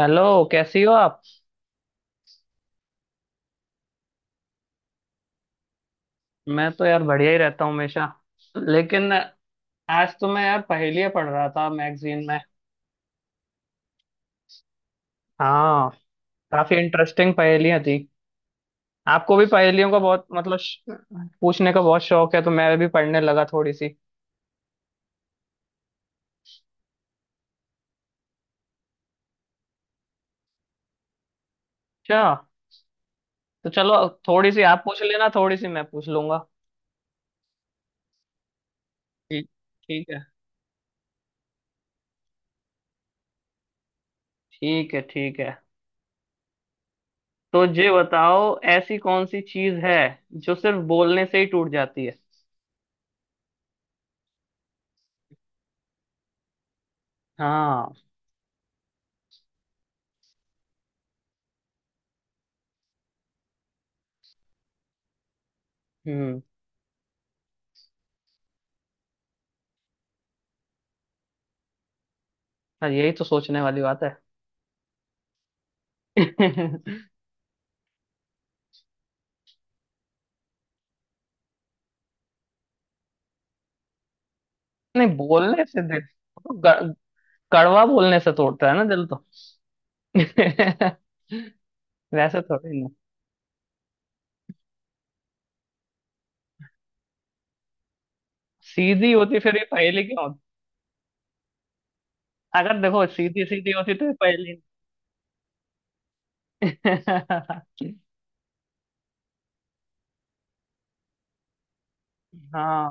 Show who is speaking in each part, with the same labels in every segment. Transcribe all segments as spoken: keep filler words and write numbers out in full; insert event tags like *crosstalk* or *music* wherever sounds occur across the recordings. Speaker 1: Hello, कैसी हो आप? मैं तो यार बढ़िया ही रहता हूँ हमेशा। लेकिन आज तो मैं यार पहेलियाँ पढ़ रहा था मैगजीन में। हाँ, काफी इंटरेस्टिंग पहेलियाँ थी। आपको भी पहेलियों का बहुत मतलब श- पूछने का बहुत शौक है, तो मैं भी पढ़ने लगा थोड़ी सी। अच्छा, तो चलो थोड़ी सी आप पूछ लेना, थोड़ी सी मैं पूछ लूंगा। ठीक। ठीक है ठीक है। ठीक है। तो ये बताओ, ऐसी कौन सी चीज है जो सिर्फ बोलने से ही टूट जाती है? हाँ। हम्म। हाँ, यही तो सोचने वाली बात है। नहीं, बोलने से दिल तो ग- कड़वा बोलने से तोड़ता है ना दिल तो। *laughs* वैसे थोड़ी ना। सीधी होती फिर ये पहेली क्यों होती? अगर देखो सीधी सीधी होती तो ये पहेली नहीं। *laughs* हाँ।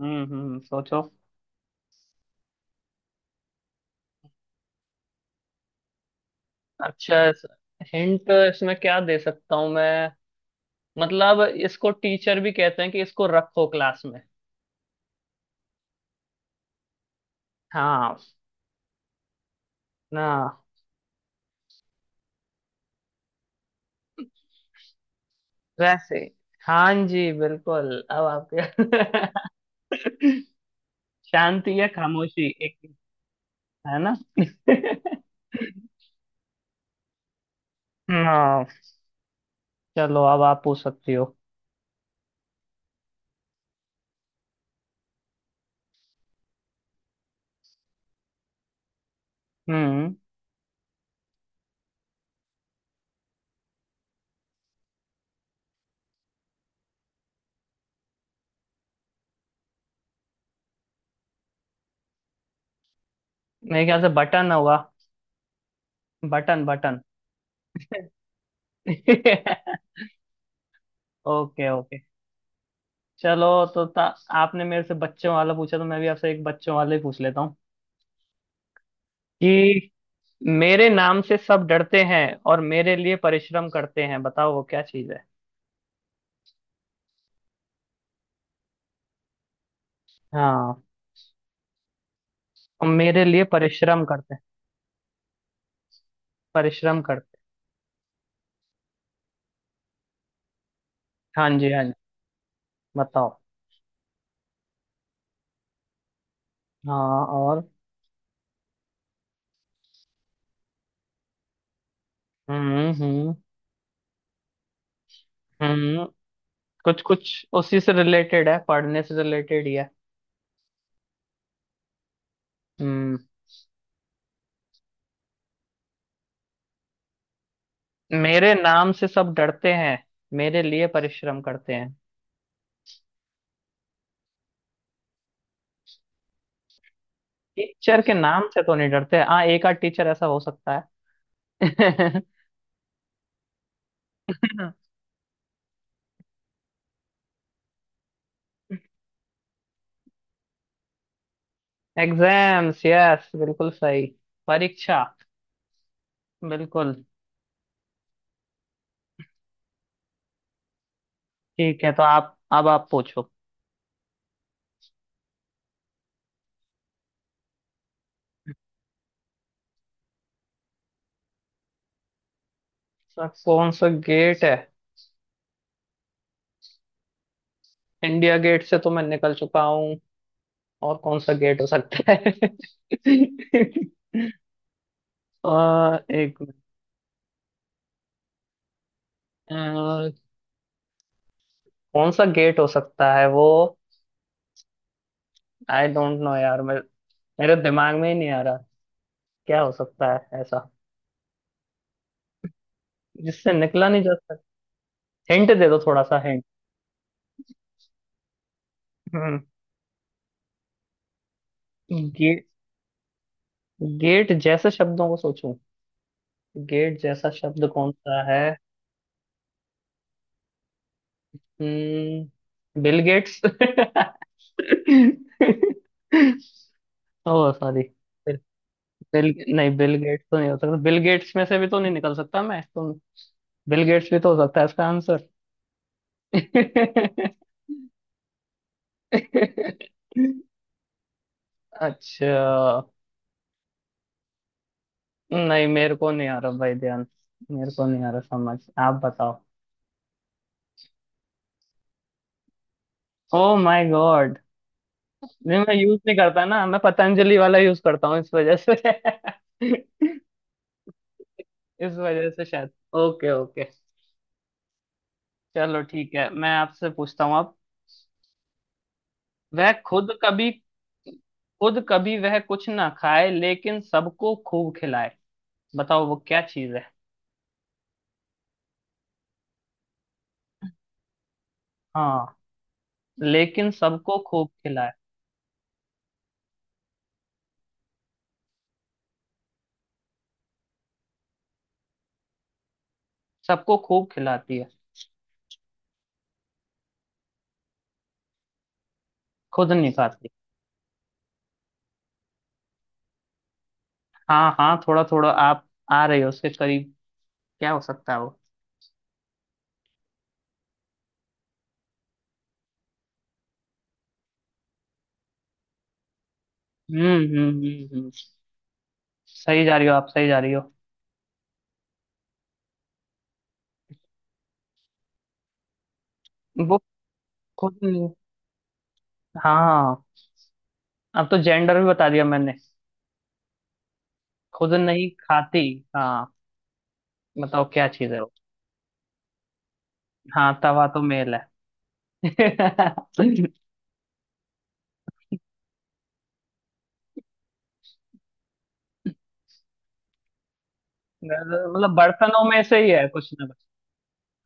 Speaker 1: हम्म हम्म, सोचो। अच्छा, हिंट इसमें क्या दे सकता हूँ मैं? मतलब इसको टीचर भी कहते हैं कि इसको रखो क्लास में। हाँ। ना। वैसे, हाँ जी बिल्कुल अब आपके। *laughs* शांति या खामोशी। एक है ना? *laughs* हाँ, चलो अब आप पूछ सकती हो। हम्म। मेरे ख्याल से बटन होगा। Button, button. *laughs* ओके ओके, चलो। तो ता, आपने मेरे से बच्चों वाला पूछा तो मैं भी आपसे एक बच्चों वाला ही पूछ लेता हूँ कि मेरे नाम से सब डरते हैं और मेरे लिए परिश्रम करते हैं, बताओ वो क्या चीज है? हाँ। और मेरे लिए परिश्रम करते हैं। परिश्रम करते हैं। हाँ जी हाँ जी, बताओ। हाँ, और। हम्म हम्म हम्म, कुछ कुछ उसी से रिलेटेड है, पढ़ने से रिलेटेड ही है। हम्म। मेरे नाम से सब डरते हैं, मेरे लिए परिश्रम करते हैं। टीचर के नाम से तो नहीं डरते, हाँ एक आध टीचर ऐसा हो सकता है। *laughs* एग्जाम्स, यस बिल्कुल सही। परीक्षा। बिल्कुल। ठीक है, तो आप अब आप पूछो। सर, कौन सा गेट है? इंडिया गेट से तो मैं निकल चुका हूँ, और कौन सा गेट हो सकता है? *laughs* अ, एक मिनट, कौन सा गेट हो सकता है वो? आई डोंट नो यार, मेरे मेरे दिमाग में ही नहीं आ रहा। क्या हो सकता है ऐसा जिससे निकला नहीं जा सकता? हिंट दे दो, थोड़ा सा हिंट। हम्म। गेट, गेट जैसे शब्दों को सोचूं? गेट जैसा शब्द कौन सा है? हम्म, बिल गेट्स। *laughs* ओह सॉरी, बिल, बिल नहीं, बिल गेट्स तो नहीं हो सकता, बिल गेट्स में से भी तो नहीं निकल सकता मैं तो। बिल गेट्स भी तो हो सकता है इसका आंसर। *laughs* अच्छा, नहीं मेरे को नहीं आ रहा भाई ध्यान, मेरे को नहीं आ रहा समझ, आप बताओ। ओ माय गॉड, नहीं मैं यूज नहीं करता ना, मैं पतंजलि वाला यूज करता हूँ इस वजह से। *laughs* इस वजह से शायद। ओके ओके, चलो ठीक है, मैं आपसे पूछता हूँ अब। वह खुद कभी, खुद कभी वह कुछ ना खाए लेकिन सबको खूब खिलाए, बताओ वो क्या चीज है? हाँ। लेकिन सबको खूब खिलाए। सबको खूब खिलाती है। खुद नहीं खाती। हाँ हाँ, थोड़ा थोड़ा आप आ रहे हो उसके करीब। क्या हो सकता है वो? हम्म हम्म हम्म हम्म। सही जा रही हो आप, सही जा रही हो। वो खुद नहीं, हाँ अब तो जेंडर भी बता दिया मैंने। खुद नहीं खाती। हाँ, बताओ क्या चीज है वो? हाँ, तवा तो मेल है। *laughs* मतलब, बर्तनों में से ही है कुछ ना कुछ।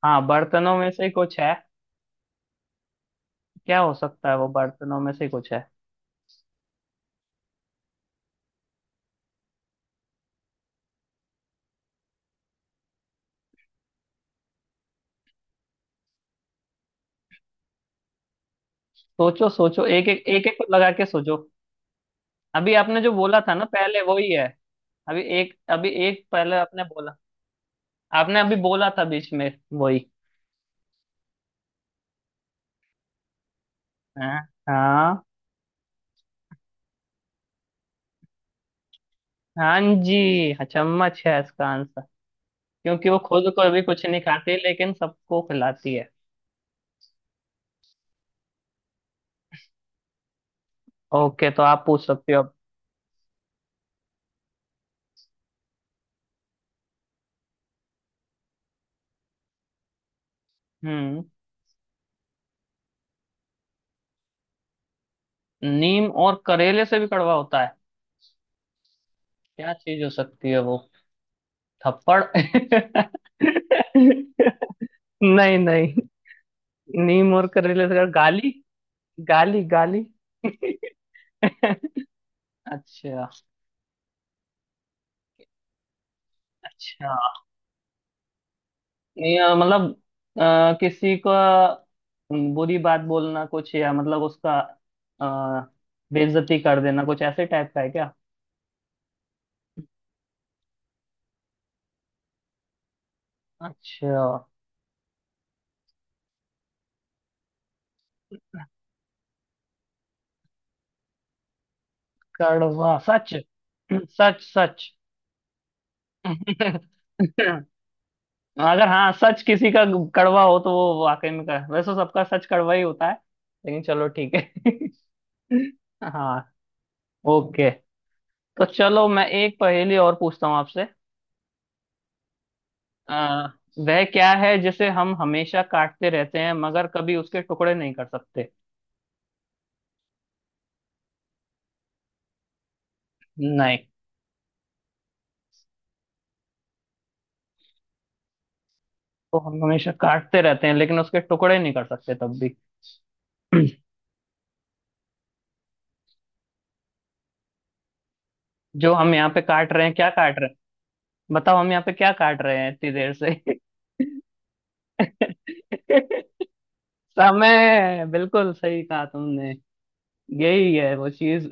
Speaker 1: हाँ, बर्तनों में से ही कुछ है। क्या हो सकता है वो? बर्तनों में से ही कुछ है। सोचो सोचो, एक एक एक एक को लगा के सोचो। अभी आपने जो बोला था ना पहले, वही है। अभी एक, अभी एक पहले आपने बोला, आपने अभी बोला था बीच में, वही। हाँ। हाँ। हाँ जी हाँ, चम्मच है इसका आंसर। क्योंकि वो खुद को अभी कुछ नहीं खाती लेकिन सबको खिलाती है। ओके, तो आप पूछ सकते हो अब। हम्म। नीम और करेले से भी कड़वा होता है? क्या चीज हो सकती है वो? थप्पड़। *laughs* नहीं नहीं, नीम और करेले से कड़- गाली, गाली गाली। *laughs* अच्छा। अच्छा, या मतलब, अ, किसी का बुरी बात बोलना कुछ, या मतलब उसका अ, बेइज्जती कर देना, कुछ ऐसे टाइप का है क्या? अच्छा, कड़वा सच। *clears throat* सच सच। *laughs* अगर हाँ, सच किसी का कड़वा हो तो वो वाकई में कर, वैसे सबका सच कड़वा ही होता है, लेकिन चलो ठीक है। *laughs* हाँ। ओके, तो चलो मैं एक पहेली और पूछता हूँ आपसे। आ, वह क्या है जिसे हम हमेशा काटते रहते हैं मगर कभी उसके टुकड़े नहीं कर सकते? नहीं, तो हम हमेशा काटते रहते हैं लेकिन उसके टुकड़े नहीं कर सकते तब भी। *clears throat* जो हम यहाँ पे काट रहे हैं, क्या काट रहे हैं? बताओ, हम यहाँ पे क्या काट रहे हैं इतनी देर से? *laughs* समय, बिल्कुल सही कहा तुमने, यही है वो चीज। *laughs*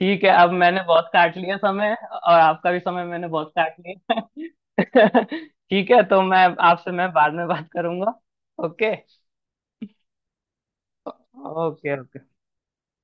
Speaker 1: ठीक है, अब मैंने बहुत काट लिया समय, और आपका भी समय मैंने बहुत काट लिया। *laughs* ठीक है तो मैं आपसे, मैं बाद में बात करूंगा। Okay okay okay.